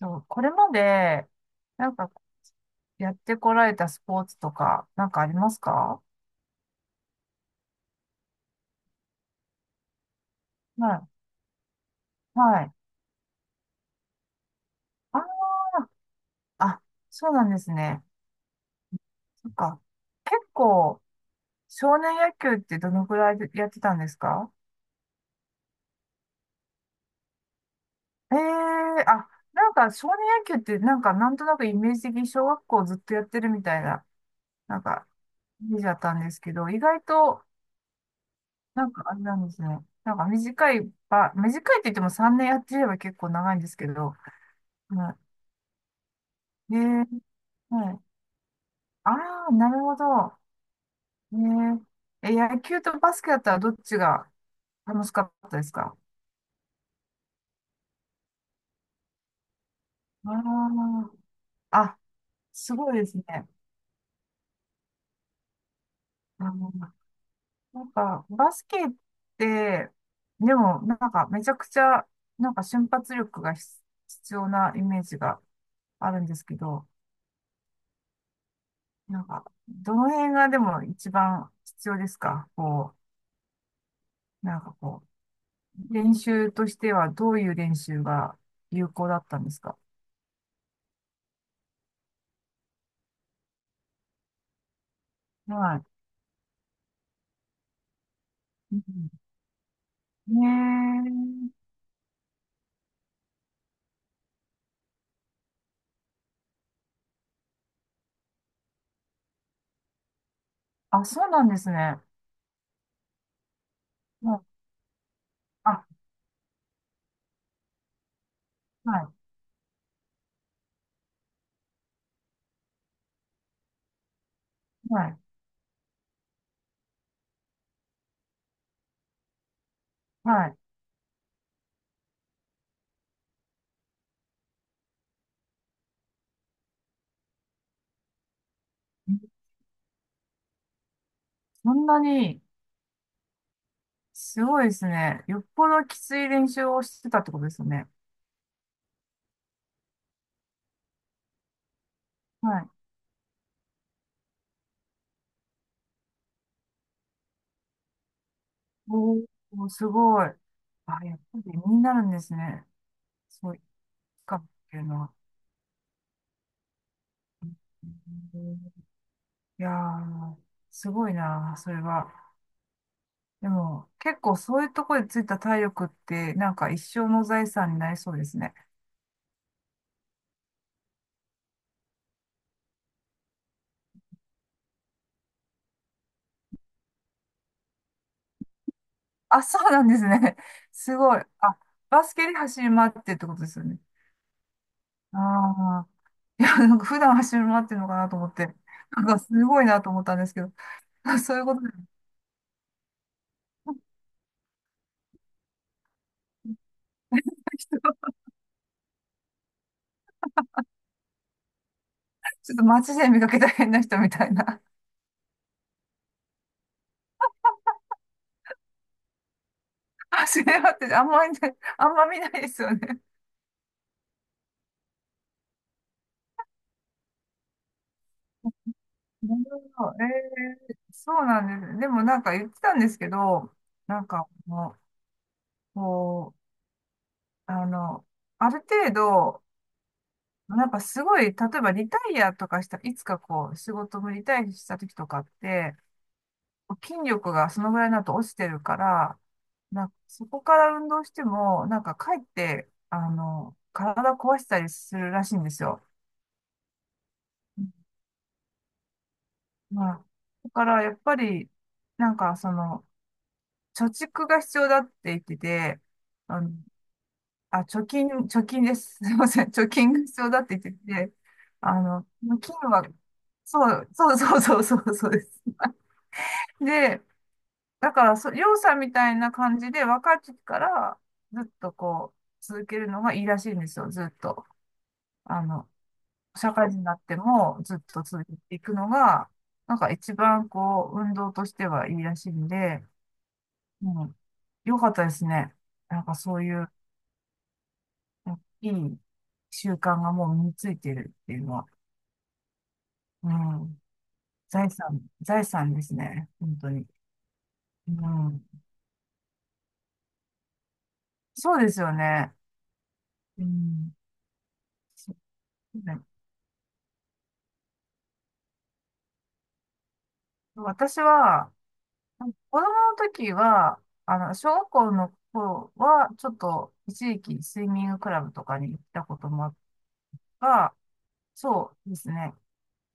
そうこれまで、なんか、やってこられたスポーツとか、なんかありますか？はい。はい。ああ、そうなんですね。そっか。結構、少年野球ってどのくらいでやってたんですか？ええーあ、なんか少年野球ってなんかなんとなくイメージ的に小学校ずっとやってるみたいな、なんか、イメージだったんですけど、意外と、なんかあれなんですね。なんか短い短いって言っても3年やってれば結構長いんですけど、うん。ねえー、はい。ああ、なるほど。え野球とバスケだったらどっちが楽しかったですか？あああ、すごいですね。あの、なんか、バスケって、でも、めちゃくちゃ、なんか瞬発力が必必要なイメージがあるんですけど、なんか、どの辺がでも一番必要ですか？こう、なんかこう、練習としてはどういう練習が有効だったんですか？はい。うん。ねえ。あ、そうなんですね。もう、あ、はい、はい、はい。そんなに、すごいですね。よっぽどきつい練習をしてたってことですよね。はい。おー、すごい。あ、やっぱり身になるんですね。そう、かっていうのは。うん。いやー、すごいな、それは。でも、結構そういうところでついた体力って、なんか一生の財産になりそうですね。あ、そうなんですね。すごい。あ、バスケで走り回ってってことですよね。ああ。いや、なんか普段走り回ってるのかなと思って。なんかすごいなと思ったんですけど、あそういうことで、人ちょっと街で見かけた変な人みたいな。走り回ってて、あんまりね、あんま見ないですよね。なるほど。そうなんです。でもなんか言ってたんですけど、なんかもう、こう、あの、ある程度、なんかすごい、例えばリタイアとかした、いつかこう、仕事もリタイアした時とかって、筋力がそのぐらいになると落ちてるから、なんかそこから運動しても、なんかかえって、あの、体壊したりするらしいんですよ。まあ、だからやっぱり、なんかその、貯蓄が必要だって言ってて、あの、あ、貯金です。すいません。貯金が必要だって言ってて、あの、金は、そうそうそうそうそうです。で、だからそ、りょうさんみたいな感じで、若い時からずっとこう、続けるのがいいらしいんですよ、ずっと。あの、社会人になってもずっと続けていくのが、なんか一番こう、運動としてはいいらしいんで、うん、よかったですね。なんかそういう、いい習慣がもう身についてるっていうのは、うん、財産ですね、本当に。うん、そうですよね。うん。そう。私は、子供の時は、あの、小学校の頃は、ちょっと一時期スイミングクラブとかに行ったこともあったが、そうですね。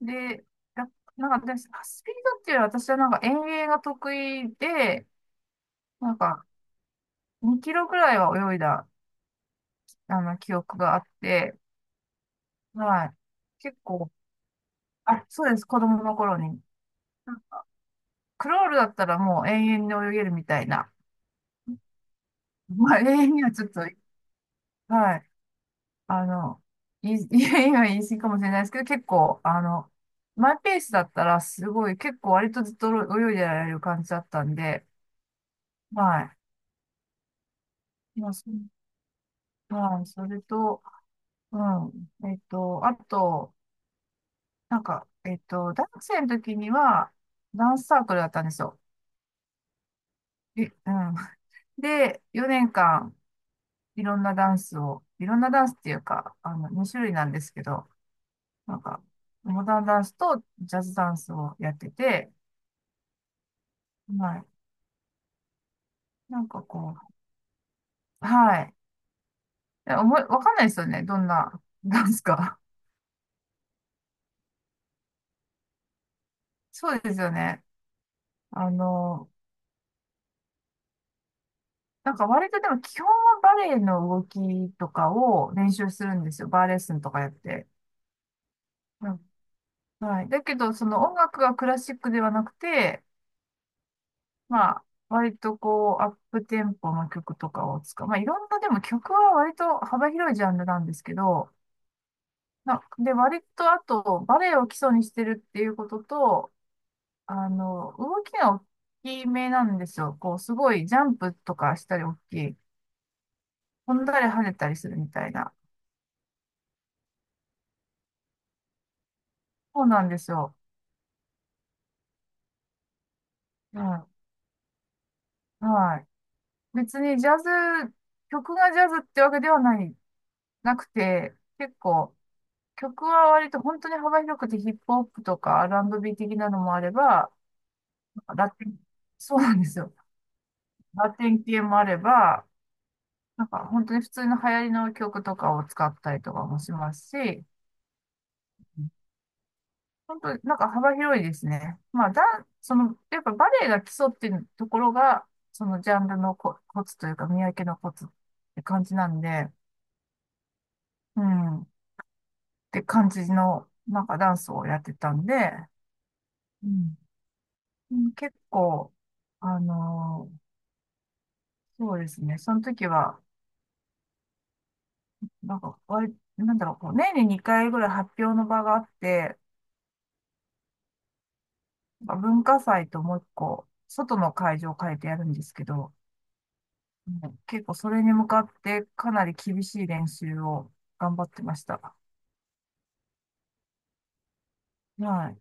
で、やなんかで、スピードっていうのは私はなんか遠泳が得意で、なんか2キロぐらいは泳いだ、あの、記憶があって、はい。結構、あ、そうです、子供の頃に。クロールだったらもう永遠に泳げるみたいな。まあ、永遠にはちょっと、はい。あの、い、いやいや言い過ぎかもしれないですけど、結構、あの、マイペースだったら、すごい、結構割とずっと泳いでられる感じだったんで、はい。はい、それと、うん。えっと、あと、大学生の時には、ダンスサークルだったんですよ。え、うん。で、4年間、いろんなダンスっていうか、あの、2種類なんですけど、なんか、モダンダンスとジャズダンスをやってて、はい。なんかこう、はい。思わかんないですよね。どんなダンスか。そうですよね。あの、なんか割とでも基本はバレエの動きとかを練習するんですよ。バーレッスンとかやって。うん。はい。だけど、その音楽がクラシックではなくて、まあ、割とこう、アップテンポの曲とかを使う。まあ、いろんな、でも曲は割と幅広いジャンルなんですけど、割とあと、バレエを基礎にしてるっていうことと、あの、動きが大きめなんですよ。こう、すごいジャンプとかしたり大きい。飛んだり跳ねたりするみたいな。そうなんですよ。うん。はい。別にジャズ、曲がジャズってわけではない、なくて、結構、曲は割と本当に幅広くてヒップホップとかアールアン r ー的なのもあれば、ラテン、そうなんですよ。ラテン系もあれば、なんか本当に普通の流行りの曲とかを使ったりとかもしますし、本当になんか幅広いですね。その、やっぱバレエが基礎っていうところが、そのジャンルのコツというか、見分けのコツって感じなんで、うん、って感じの、なんかダンスをやってたんで、うん、うん。結構、あのーそうですね、その時は、なんだろう、こう、年に2回ぐらい発表の場があって、まあ文化祭ともう一個、外の会場を変えてやるんですけど、う結構それに向かってかなり厳しい練習を頑張ってました。はい。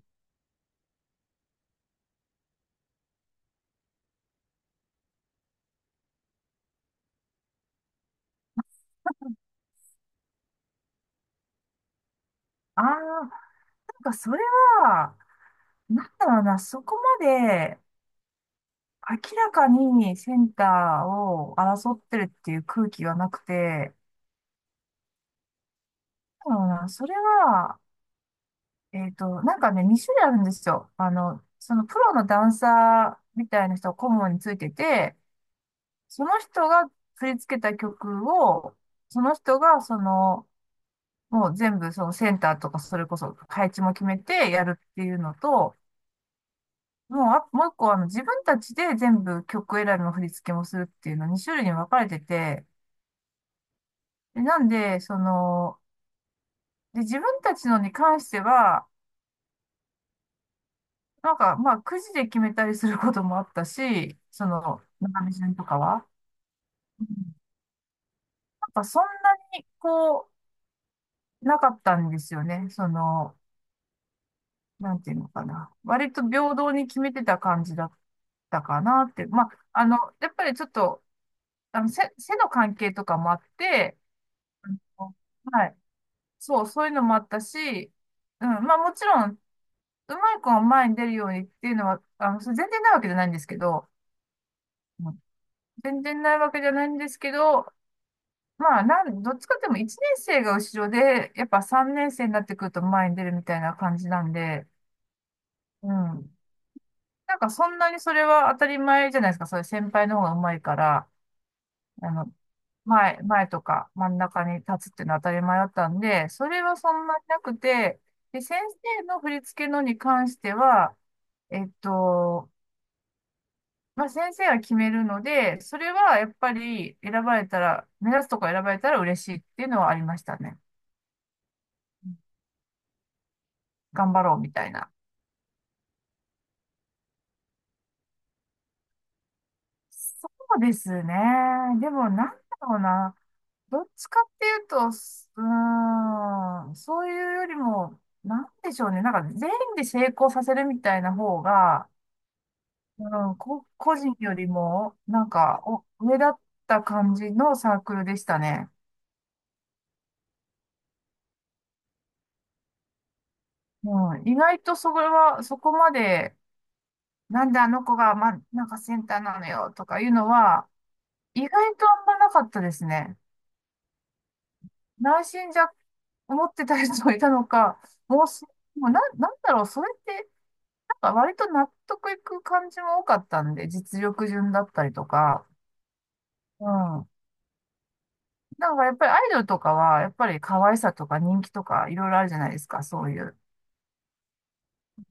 ああ、なんかそれは、なんだろうな、そこまで明らかにセンターを争ってるっていう空気がなくて、なんだろうな、それは、えっと、なんかね、2種類あるんですよ。あの、そのプロのダンサーみたいな人が顧問についてて、その人が振り付けた曲を、その人がその、もう全部そのセンターとかそれこそ配置も決めてやるっていうのと、もう一個あの自分たちで全部曲選びの振り付けもするっていうのに種類に分かれてて、でなんで、その、で、自分たちのに関しては、なんかまあくじで決めたりすることもあったし、その、中身順とかは。うん。なんかそんなにこう、なかったんですよね。その、なんていうのかな。割と平等に決めてた感じだったかなって。まあ、あの、やっぱりちょっと、あの、背の関係とかもあって、あの、はい。そう、そういうのもあったし、うん、まあもちろん、うまい子が前に出るようにっていうのは、あの、それ全然ないわけじゃないんですけど、うん全然ないわけじゃないんですけど、まあ、どっちかっていうと1年生が後ろで、やっぱ3年生になってくると前に出るみたいな感じなんで、うん。なんかそんなにそれは当たり前じゃないですか。そういう先輩の方が上手いから、あの、前とか真ん中に立つっていうのは当たり前だったんで、それはそんなになくて、で、先生の振り付けのに関しては、えっと、まあ、先生が決めるので、それはやっぱり選ばれたら、目指すとこ選ばれたら嬉しいっていうのはありましたね。頑張ろうみたいな。そうですね。でもなんだろうな。どっちかっていうと、すうーん、そういうよりも、なんでしょうね。なんか全員で成功させるみたいな方が、うん、個人よりも、なんか、上だった感じのサークルでしたね。うん、意外とそれは、そこまで、なんであの子が、ま、なんかセンターなのよとかいうのは、意外とあんまなかったですね。内心じゃ、思ってた人もいたのか、もうす、もうな、なんだろう、それって、あ割と納得いく感じも多かったんで、実力順だったりとか、うん。なんかやっぱりアイドルとかは、やっぱり可愛さとか人気とかいろいろあるじゃないですか、そういう。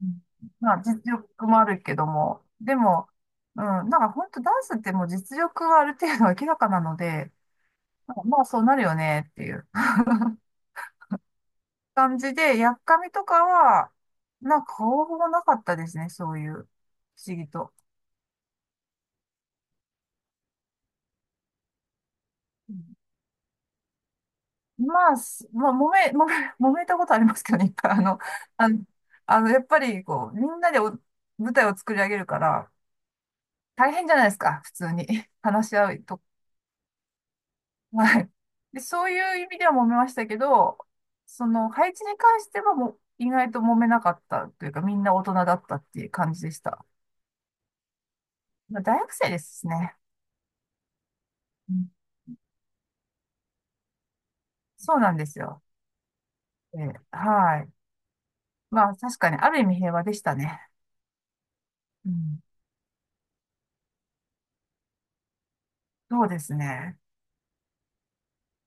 うん。まあ実力もあるけども、でも、うん、なんか本当ダンスってもう実力はある程度明らかなので、なんかまあそうなるよねっていう感じで、やっかみとかは、なんか方法なかったですね、そういう、不思議と。まあ、揉め、揉め、揉めたことありますけどね、一回。あの、あのやっぱり、こう、みんなでお舞台を作り上げるから、大変じゃないですか、普通に。話し合うと。はい。で、そういう意味では揉めましたけど、その、配置に関してはもう、意外と揉めなかったというか、みんな大人だったっていう感じでした。まあ、大学生ですね。うん。そうなんですよ。えー、はい。まあ、確かに、ある意味平和でしたね。うん、そうですね。